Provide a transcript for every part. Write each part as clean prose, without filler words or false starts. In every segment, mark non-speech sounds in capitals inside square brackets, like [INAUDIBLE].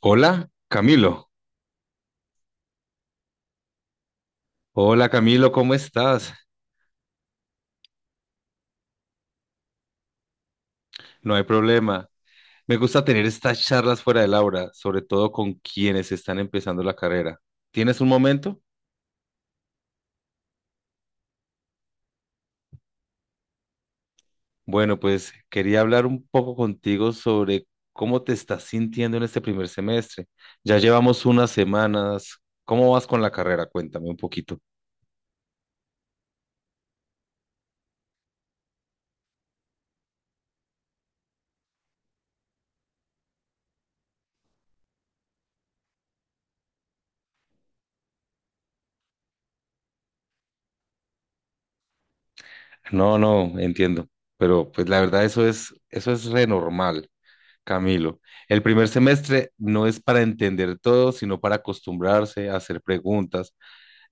Hola, Camilo. Hola, Camilo, ¿cómo estás? No hay problema. Me gusta tener estas charlas fuera del aula, sobre todo con quienes están empezando la carrera. ¿Tienes un momento? Bueno, pues quería hablar un poco contigo sobre cómo te estás sintiendo en este primer semestre. Ya llevamos unas semanas. ¿Cómo vas con la carrera? Cuéntame un poquito. No, no, entiendo. Pero pues la verdad eso es re normal. Camilo, el primer semestre no es para entender todo, sino para acostumbrarse a hacer preguntas.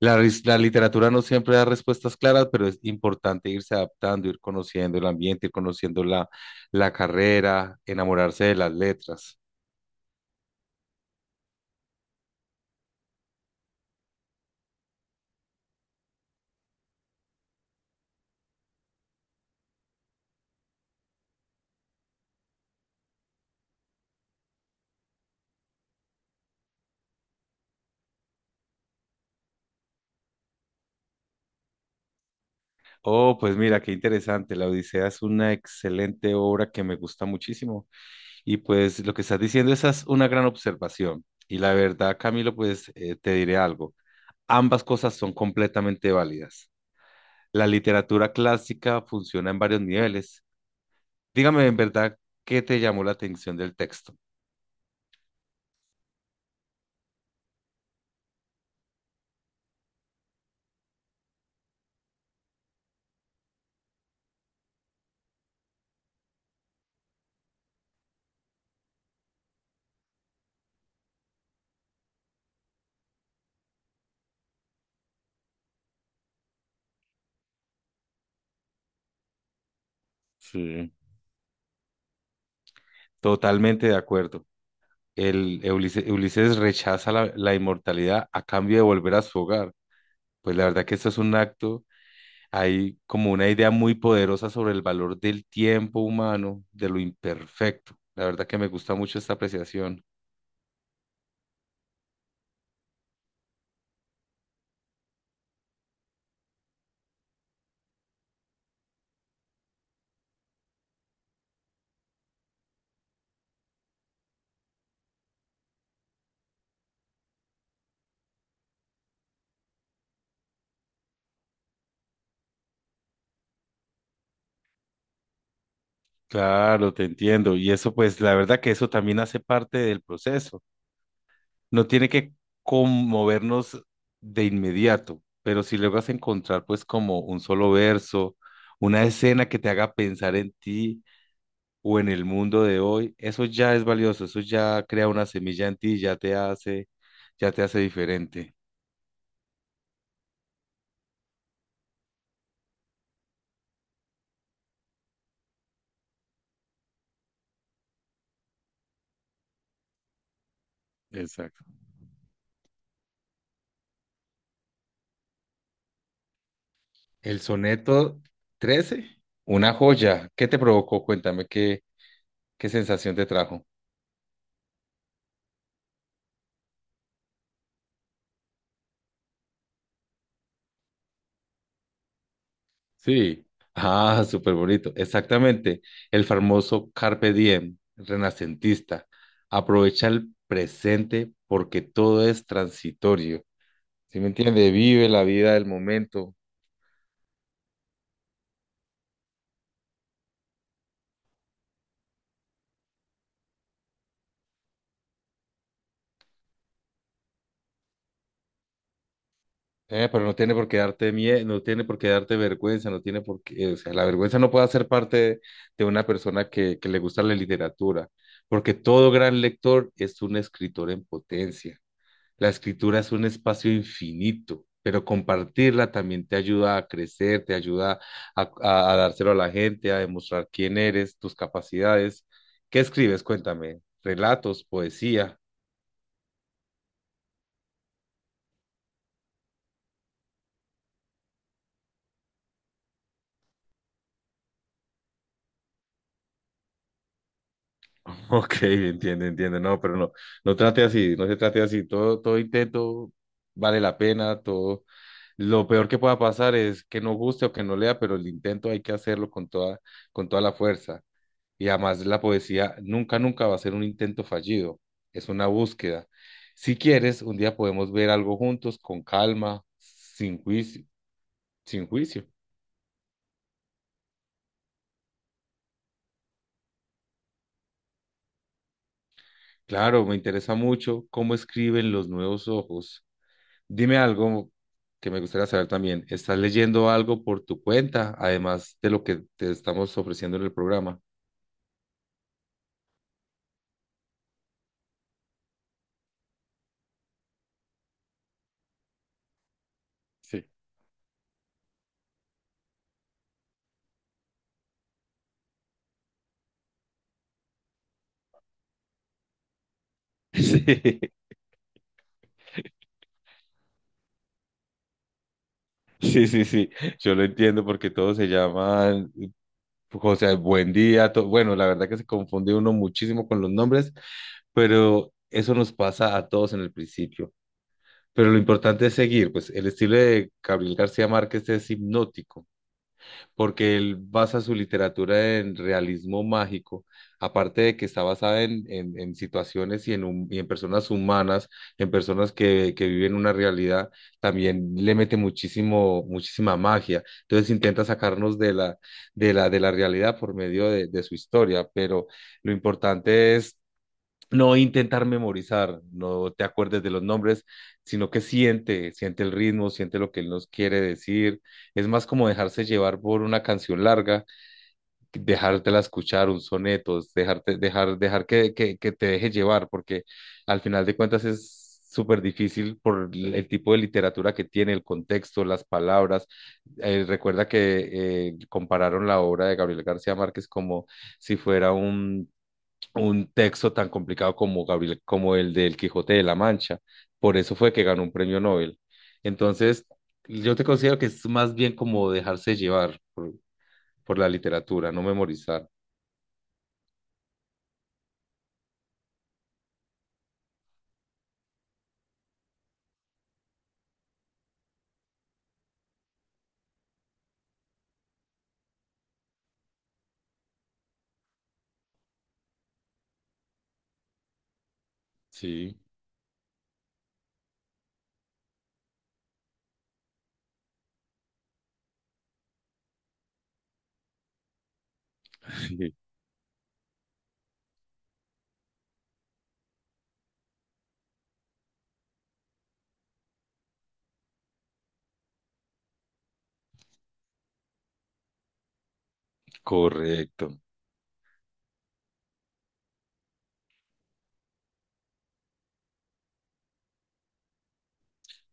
La literatura no siempre da respuestas claras, pero es importante irse adaptando, ir conociendo el ambiente, ir conociendo la carrera, enamorarse de las letras. Oh, pues mira, qué interesante. La Odisea es una excelente obra que me gusta muchísimo. Y pues lo que estás diciendo, esa es una gran observación. Y la verdad, Camilo, pues te diré algo. Ambas cosas son completamente válidas. La literatura clásica funciona en varios niveles. Dígame en verdad qué te llamó la atención del texto. Sí, totalmente de acuerdo. El Ulises rechaza la inmortalidad a cambio de volver a su hogar. Pues la verdad que esto es un acto, hay como una idea muy poderosa sobre el valor del tiempo humano, de lo imperfecto. La verdad que me gusta mucho esta apreciación. Claro, te entiendo. Y eso, pues, la verdad que eso también hace parte del proceso. No tiene que conmovernos de inmediato, pero si logras encontrar pues como un solo verso, una escena que te haga pensar en ti o en el mundo de hoy, eso ya es valioso, eso ya crea una semilla en ti, ya te hace diferente. Exacto. El soneto 13, una joya. ¿Qué te provocó? Cuéntame qué sensación te trajo. Sí. Ah, súper bonito. Exactamente. El famoso Carpe Diem, renacentista. Aprovecha el presente porque todo es transitorio. ¿Sí me entiende? Vive la vida del momento. Pero no tiene por qué darte miedo, no tiene por qué darte vergüenza, no tiene por qué, o sea, la vergüenza no puede ser parte de una persona que le gusta la literatura, porque todo gran lector es un escritor en potencia. La escritura es un espacio infinito, pero compartirla también te ayuda a crecer, te ayuda a dárselo a la gente, a demostrar quién eres, tus capacidades. ¿Qué escribes? Cuéntame. ¿Relatos, poesía? [LAUGHS] Ok, entiendo, entiendo. No, pero no trate así, no se trate así. Todo intento vale la pena, todo. Lo peor que pueda pasar es que no guste o que no lea, pero el intento hay que hacerlo con toda la fuerza. Y además la poesía nunca, nunca va a ser un intento fallido, es una búsqueda. Si quieres, un día podemos ver algo juntos, con calma, sin juicio. Claro, me interesa mucho cómo escriben los nuevos ojos. Dime algo que me gustaría saber también. ¿Estás leyendo algo por tu cuenta, además de lo que te estamos ofreciendo en el programa? Sí. [LAUGHS] Sí, sí, sí, sí, yo lo entiendo porque todos se llaman José, buen día. Bueno, la verdad que se confunde uno muchísimo con los nombres, pero eso nos pasa a todos en el principio. Pero lo importante es seguir, pues el estilo de Gabriel García Márquez es hipnótico porque él basa su literatura en realismo mágico, aparte de que está basada en situaciones y en personas humanas, en personas que viven una realidad, también le mete muchísimo, muchísima magia. Entonces intenta sacarnos de la realidad por medio de su historia, pero lo importante es no intentar memorizar, no te acuerdes de los nombres, sino que siente, siente el ritmo, siente lo que él nos quiere decir. Es más como dejarse llevar por una canción larga, dejártela escuchar, un soneto, es dejarte, dejar que, que te deje llevar, porque al final de cuentas es súper difícil por el tipo de literatura que tiene, el contexto, las palabras. Recuerda que compararon la obra de Gabriel García Márquez como si fuera un texto tan complicado como Gabriel, como el del Quijote de la Mancha. Por eso fue que ganó un premio Nobel. Entonces, yo te considero que es más bien como dejarse llevar por la literatura, no memorizar. Sí, [LAUGHS] correcto.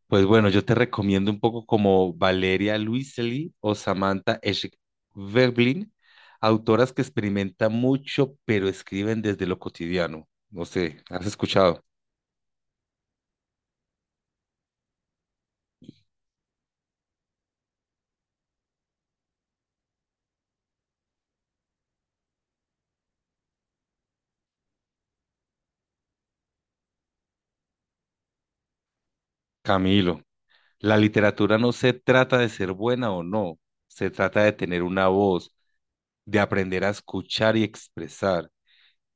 Pues bueno, yo te recomiendo un poco como Valeria Luiselli o Samantha Schweblin, autoras que experimentan mucho, pero escriben desde lo cotidiano. No sé, ¿has escuchado? Camilo, la literatura no se trata de ser buena o no, se trata de tener una voz, de aprender a escuchar y expresar.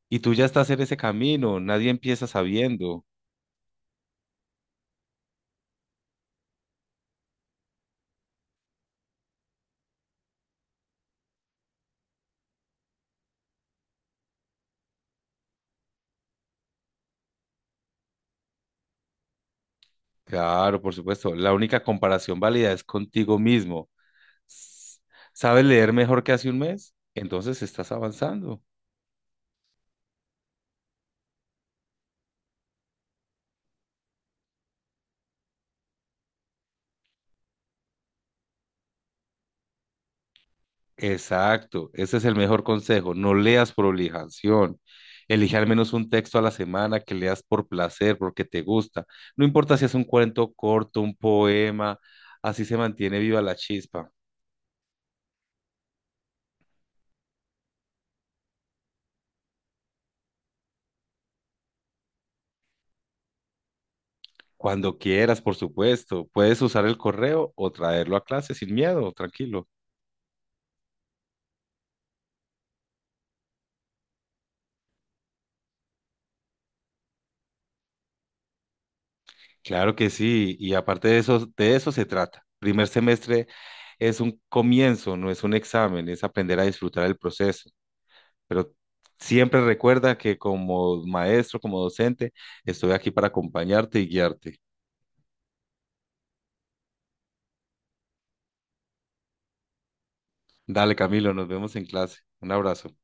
Y tú ya estás en ese camino, nadie empieza sabiendo. Claro, por supuesto, la única comparación válida es contigo mismo. S- ¿Sabes leer mejor que hace un mes? Entonces estás avanzando. Exacto, ese es el mejor consejo. No leas por obligación. Elige al menos un texto a la semana que leas por placer, porque te gusta. No importa si es un cuento corto, un poema, así se mantiene viva la chispa. Cuando quieras, por supuesto, puedes usar el correo o traerlo a clase sin miedo, tranquilo. Claro que sí, y aparte de eso se trata. Primer semestre es un comienzo, no es un examen, es aprender a disfrutar el proceso. Pero siempre recuerda que como maestro, como docente, estoy aquí para acompañarte y guiarte. Dale, Camilo, nos vemos en clase. Un abrazo.